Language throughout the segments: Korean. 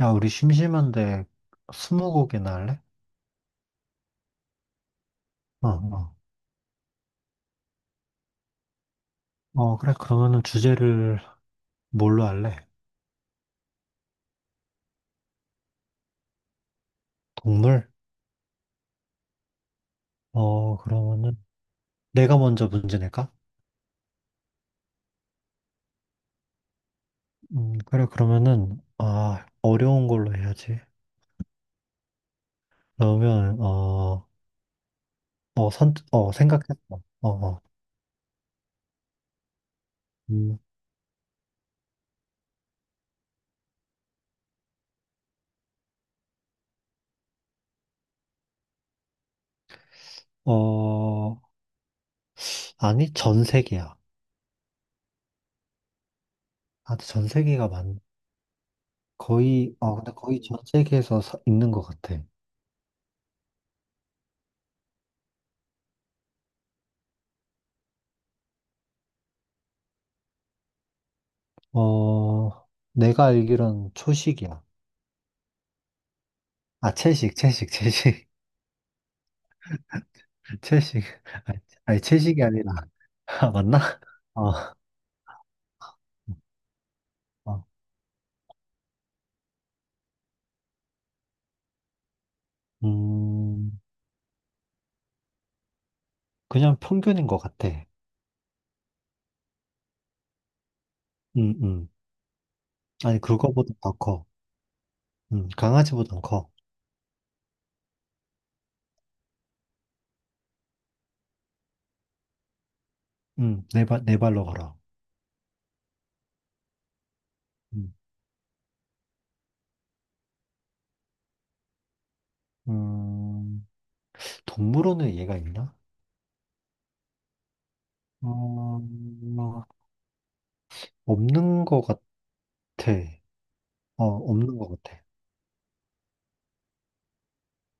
야, 우리 심심한데 스무고개나 할래? 어, 어. 어, 그래. 그러면은 주제를 뭘로 할래? 동물? 그러면은 내가 먼저 문제 낼까? 그래. 그러면은 어려운 걸로 해야지. 그러면 생각했어. 어, 어. 음, 어, 아니, 전 세계야. 아, 전 세계가 거의, 근데 거의 전 세계에서 있는 것 같아. 어, 내가 알기론 초식이야. 채식, 채식. 아니, 아니, 채식이 아니라. 아, 맞나? 어, 어. 음, 그냥 평균인 것 같아. 음, 음. 아니, 그거보다 더 커. 강아지보단 커. 네 발로 걸어. 음, 음, 동물원에 얘가 있나? 어, 없는 것 같아. 어, 없는 것 같아.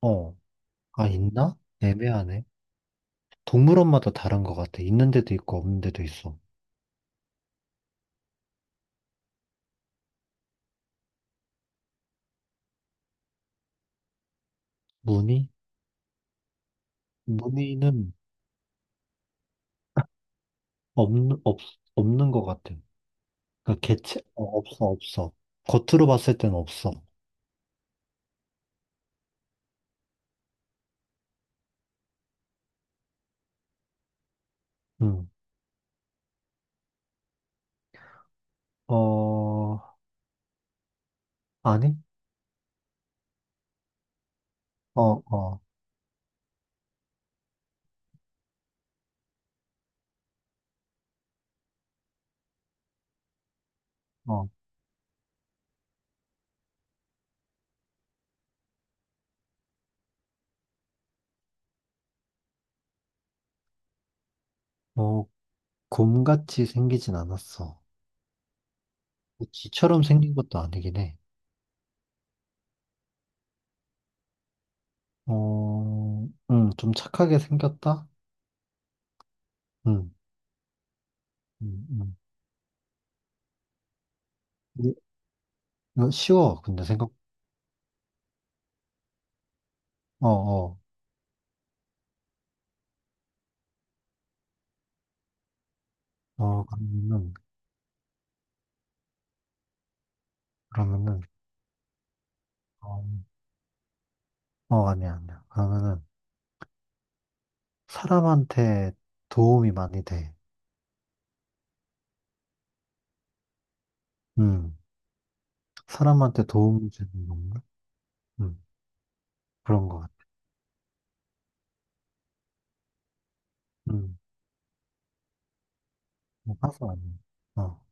어, 아, 있나? 애매하네. 동물원마다 다른 것 같아. 있는 데도 있고, 없는 데도 있어. 무늬? 문의는 없는, 없, 없는 것 같아. 그러니까 없어. 겉으로 봤을 땐 없어. 응. 어, 아니? 어, 어, 어. 어, 곰같이 생기진 않았어. 뭐 쥐처럼 생긴 것도 아니긴 해. 어, 응, 좀 착하게 생겼다? 응, 응, 응. 이게 이거 쉬워, 근데 생각, 어, 어, 어, 그러면은, 어, 어, 아니야, 아니야. 그러면은 사람한테 도움이 많이 돼. 응. 사람한테 도움 주는 건가? 음, 그런 것 같아. 음, 뭐 파서 아니야. 어.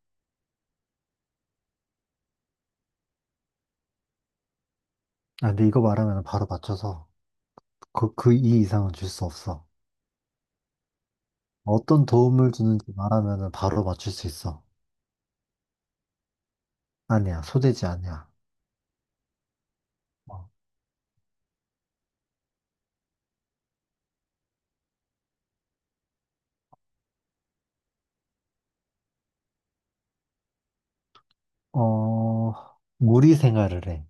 아, 근데 이거 말하면 바로 맞춰서 그, 그 이 이상은 줄 수 없어. 어떤 도움을 주는지 말하면 바로 맞출 수 있어. 아니야, 소재지 아니야. 어, 어, 무리 생활을 해.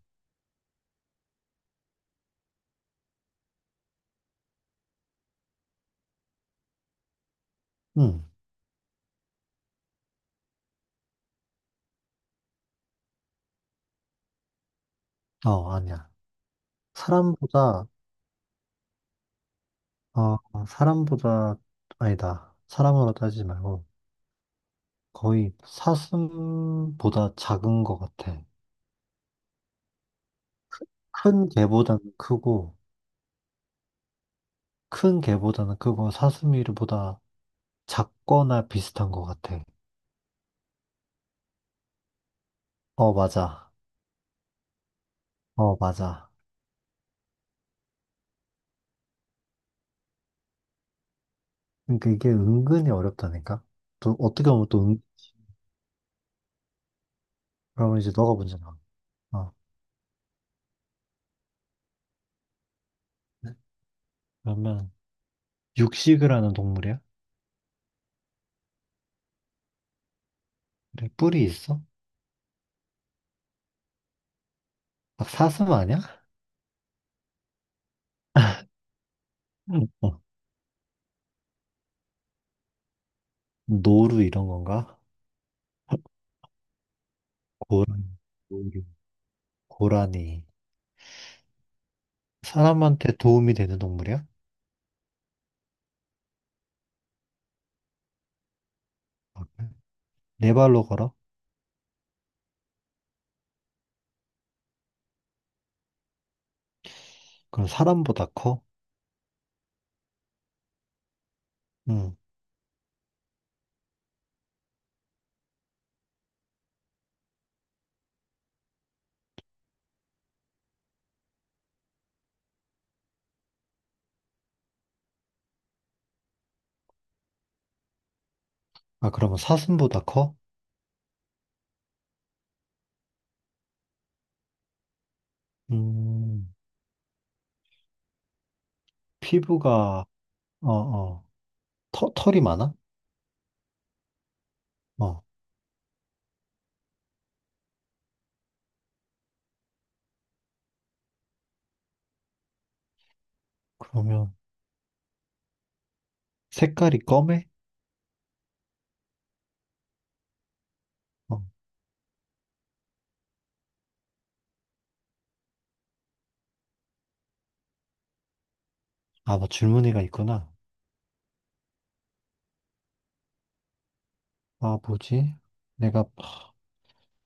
응, 어, 아니야. 사람보다, 어, 사람보다, 아니다. 사람으로 따지지 말고 거의 사슴보다 작은 것 같아. 큰 개보다는 크고, 큰 개보다는 그거 사슴이보다 작거나 비슷한 것 같아. 어, 맞아. 어, 맞아. 그러니까 이게 은근히 어렵다니까? 또 어떻게 보면 그러면 이제 너가 문제 나. 어. 그러면 육식을 하는 동물이야? 그래, 뿔이 있어? 막 사슴 아니야? 응. 어. 노루 이런 건가? 고라니, 노루. 고라니. 사람한테 도움이 되는 동물이야? 아, 그래? 네 발로 걸어? 그럼 사람보다 커? 응. 아, 그러면 사슴보다 커? 음. 피부가, 어, 어, 털이 많아? 어, 그러면 색깔이 검해? 어, 아, 뭐 줄무늬가 있구나. 아, 뭐지? 내가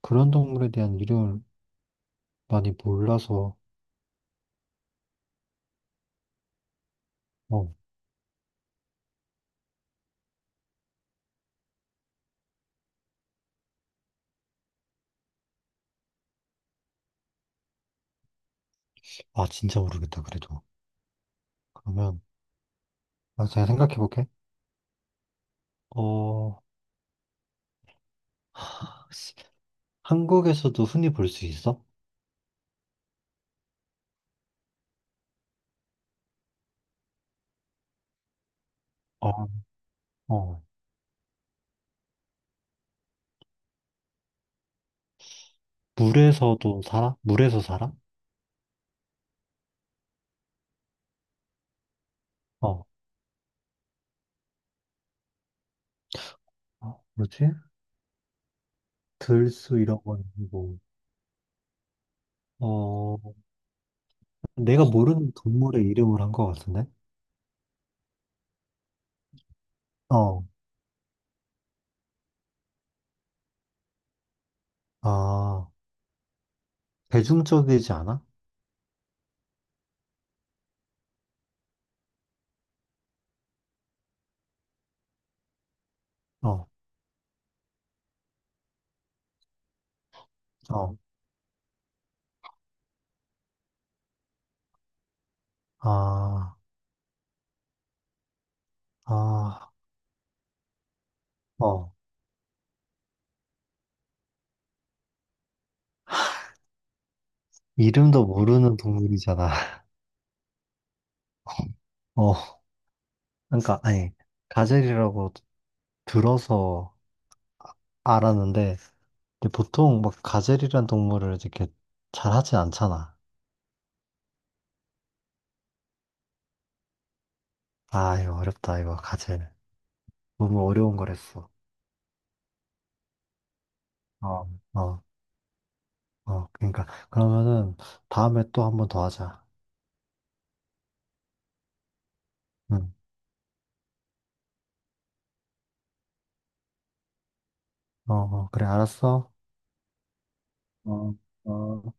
그런 동물에 대한 이름을 많이 몰라서, 어, 아, 진짜 모르겠다, 그래도. 그러면, 아, 제가 생각해 볼게. 어, 하, 씨, 한국에서도 흔히 볼 수 있어? 어, 어, 물에서도 살아? 물에서 살아? 어, 어, 뭐지? 들수 이런 건 아니고, 어, 내가 모르는 동물의 이름을 한 것 같은데? 어, 아, 대중적이지 않아? 어, 어, 아, 아, 어, 이름도 모르는 동물이잖아. 어, 그러니까, 아니, 가젤이라고 들어서 알았는데, 근데 보통 막 가젤이란 동물을 이렇게 잘 하진 않잖아. 아, 이거 어렵다, 이거, 가젤. 너무 어려운 걸 했어. 어, 어, 어, 그러니까, 그러면은 다음에 또 한번 더 하자. 응, 어, 어, 그래, 알았어. 어, 어.